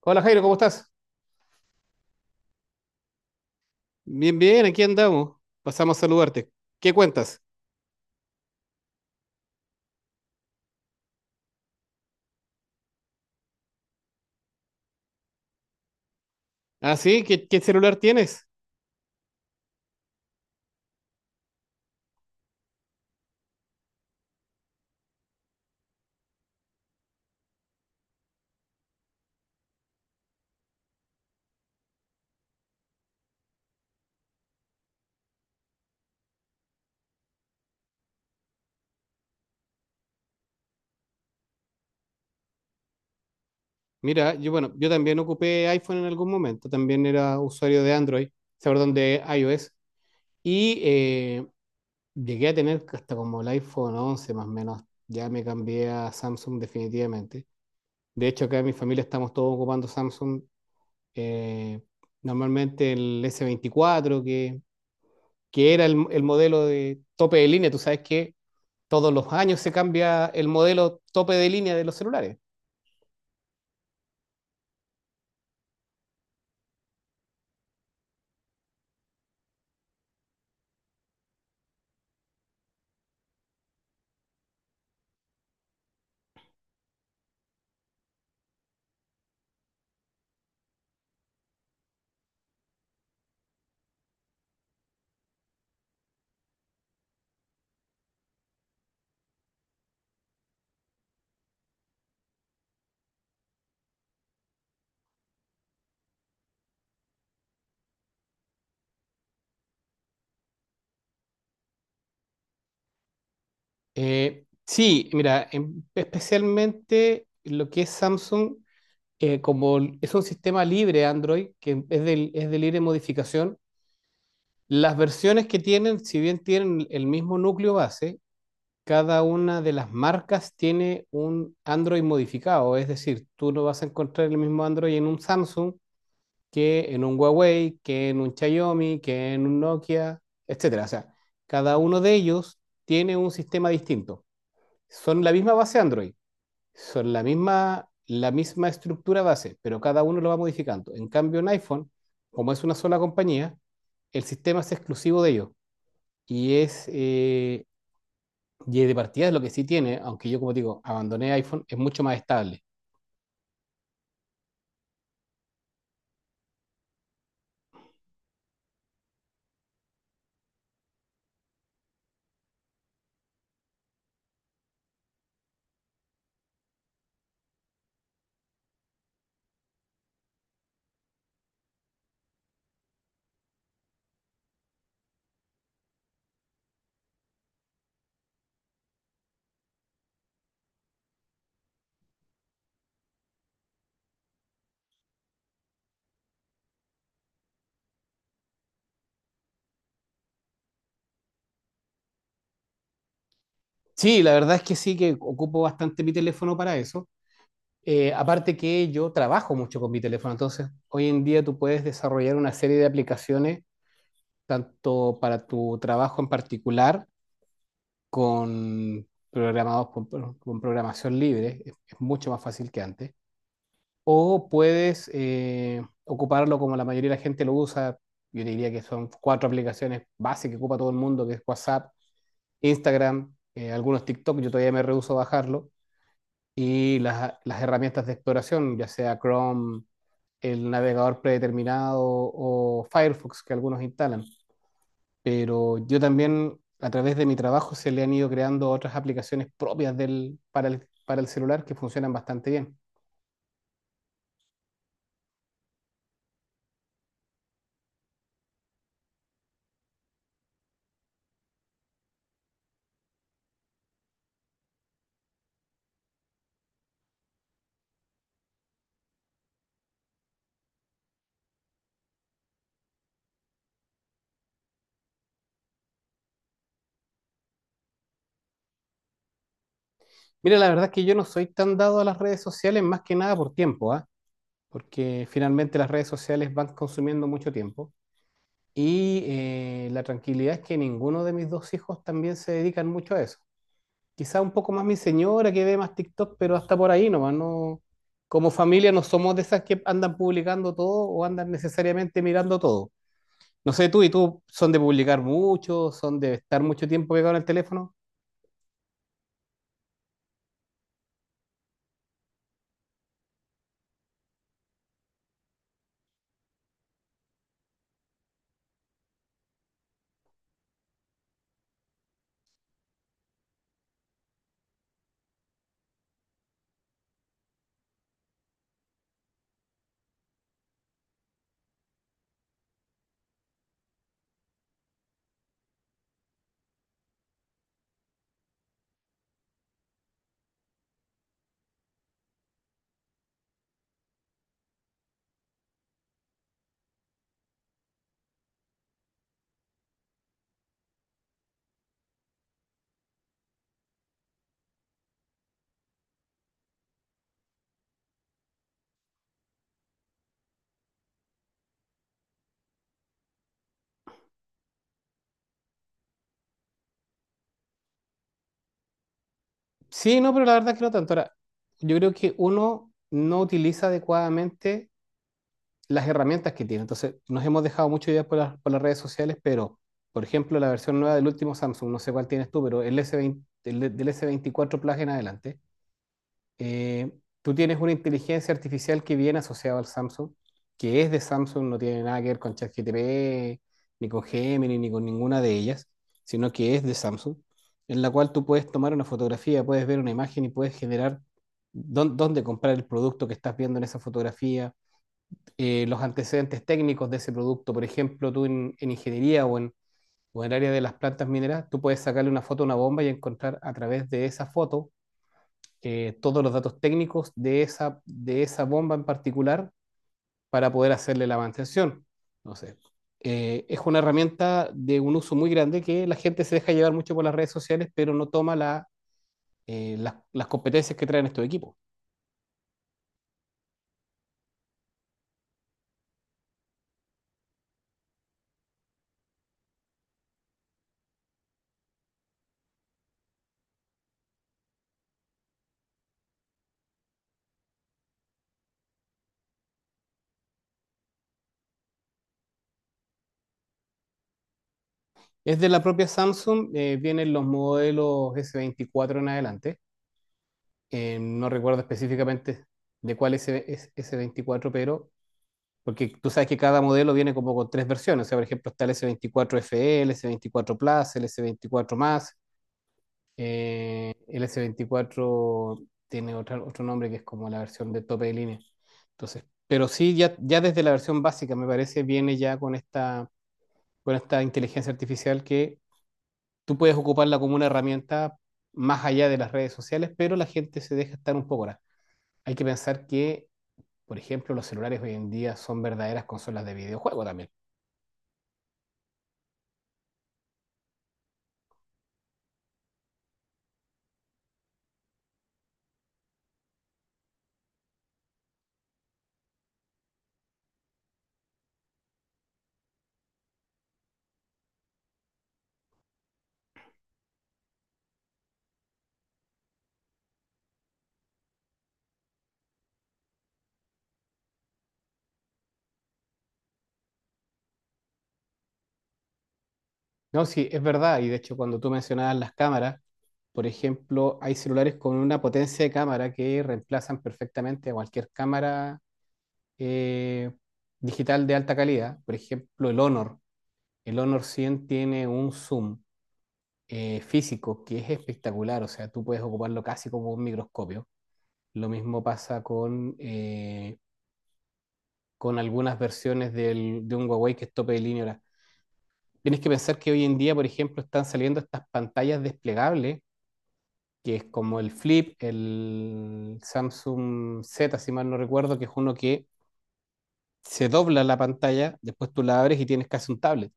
Hola Jairo, ¿cómo estás? Bien, bien, aquí andamos. Pasamos a saludarte. ¿Qué cuentas? Ah, sí, ¿¿qué celular tienes? Mira, yo bueno, yo también ocupé iPhone en algún momento, también era usuario de Android, o sea, perdón, de iOS, y llegué a tener hasta como el iPhone 11 más o menos. Ya me cambié a Samsung definitivamente. De hecho, acá en mi familia estamos todos ocupando Samsung, eh, normalmente el S24 que era el modelo de tope de línea. Tú sabes que todos los años se cambia el modelo tope de línea de los celulares. Sí, mira, especialmente lo que es Samsung, como es un sistema libre Android, que es es de libre modificación, las versiones que tienen, si bien tienen el mismo núcleo base, cada una de las marcas tiene un Android modificado. Es decir, tú no vas a encontrar el mismo Android en un Samsung, que en un Huawei, que en un Xiaomi, que en un Nokia, etcétera. O sea, cada uno de ellos tiene un sistema distinto. Son la misma base Android, son la misma estructura base, pero cada uno lo va modificando. En cambio, en iPhone, como es una sola compañía, el sistema es exclusivo de ellos y es y de partida es lo que sí tiene, aunque yo, como digo, abandoné iPhone, es mucho más estable. Sí, la verdad es que sí que ocupo bastante mi teléfono para eso. Aparte que yo trabajo mucho con mi teléfono, entonces hoy en día tú puedes desarrollar una serie de aplicaciones, tanto para tu trabajo en particular, con con programación libre, es mucho más fácil que antes, o puedes ocuparlo como la mayoría de la gente lo usa. Yo te diría que son 4 aplicaciones básicas que ocupa todo el mundo, que es WhatsApp, Instagram, algunos TikTok, yo todavía me rehúso a bajarlo, y las herramientas de exploración, ya sea Chrome, el navegador predeterminado, o Firefox que algunos instalan. Pero yo también, a través de mi trabajo, se le han ido creando otras aplicaciones propias para para el celular, que funcionan bastante bien. Mira, la verdad es que yo no soy tan dado a las redes sociales más que nada por tiempo, ¿ah? Porque finalmente las redes sociales van consumiendo mucho tiempo. Y la tranquilidad es que ninguno de mis 2 hijos también se dedican mucho a eso. Quizá un poco más mi señora, que ve más TikTok, pero hasta por ahí nomás, no. Como familia no somos de esas que andan publicando todo o andan necesariamente mirando todo. No sé, tú y tú son de publicar mucho, son de estar mucho tiempo pegado en el teléfono. Sí, no, pero la verdad es que no tanto. Ahora, yo creo que uno no utiliza adecuadamente las herramientas que tiene. Entonces, nos hemos dejado mucho ya por por las redes sociales, pero, por ejemplo, la versión nueva del último Samsung, no sé cuál tienes tú, pero el s veinte el- del S24 Plus en adelante. Eh, Tú tienes una inteligencia artificial que viene asociada al Samsung, que es de Samsung, no tiene nada que ver con ChatGPT, ni con Gemini, ni con ninguna de ellas, sino que es de Samsung, en la cual tú puedes tomar una fotografía, puedes ver una imagen y puedes generar dónde comprar el producto que estás viendo en esa fotografía, los antecedentes técnicos de ese producto. Por ejemplo, tú en ingeniería o en el área de las plantas mineras, tú puedes sacarle una foto a una bomba y encontrar a través de esa foto todos los datos técnicos de de esa bomba en particular, para poder hacerle la mantención. Entonces, es una herramienta de un uso muy grande, que la gente se deja llevar mucho por las redes sociales, pero no toma la, las competencias que traen estos equipos. Es de la propia Samsung. Eh, vienen los modelos S24 en adelante. No recuerdo específicamente de cuál es ese 24, pero porque tú sabes que cada modelo viene como con tres versiones. O sea, por ejemplo, está el S24 FE, el S24 Plus, el S24 Más. Eh, el S24 tiene otro nombre, que es como la versión de tope de línea. Entonces, pero sí, ya desde la versión básica, me parece, viene ya con con esta inteligencia artificial, que tú puedes ocuparla como una herramienta más allá de las redes sociales, pero la gente se deja estar un poco ahora. Hay que pensar que, por ejemplo, los celulares hoy en día son verdaderas consolas de videojuego también. No, sí, es verdad. Y de hecho, cuando tú mencionabas las cámaras, por ejemplo, hay celulares con una potencia de cámara que reemplazan perfectamente a cualquier cámara eh, digital de alta calidad. Por ejemplo, el Honor. El Honor 100 tiene un zoom físico que es espectacular. O sea, tú puedes ocuparlo casi como un microscopio. Lo mismo pasa con algunas versiones de un Huawei que es tope de línea. Ahora, tienes que pensar que hoy en día, por ejemplo, están saliendo estas pantallas desplegables, que es como el Flip, el Samsung Z, si mal no recuerdo, que es uno que se dobla la pantalla, después tú la abres y tienes casi un tablet.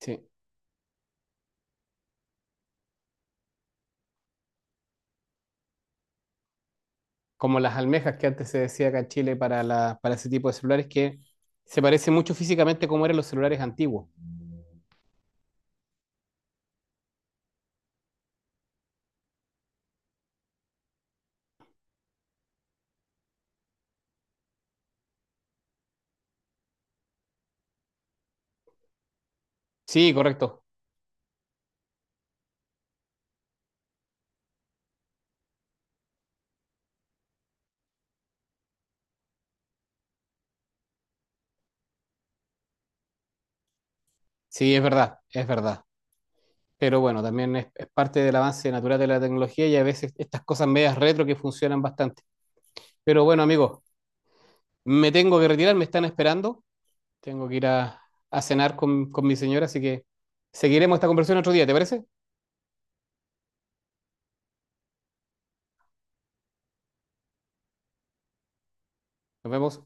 Sí. Como las almejas, que antes se decía acá en Chile para para ese tipo de celulares, que se parece mucho físicamente como eran los celulares antiguos. Sí, correcto. Sí, es verdad, es verdad. Pero bueno, también es parte del avance natural de la tecnología, y a veces estas cosas medias retro que funcionan bastante. Pero bueno, amigos, me tengo que retirar, me están esperando. Tengo que ir a cenar con mi señora, así que seguiremos esta conversación otro día, ¿te parece? Nos vemos.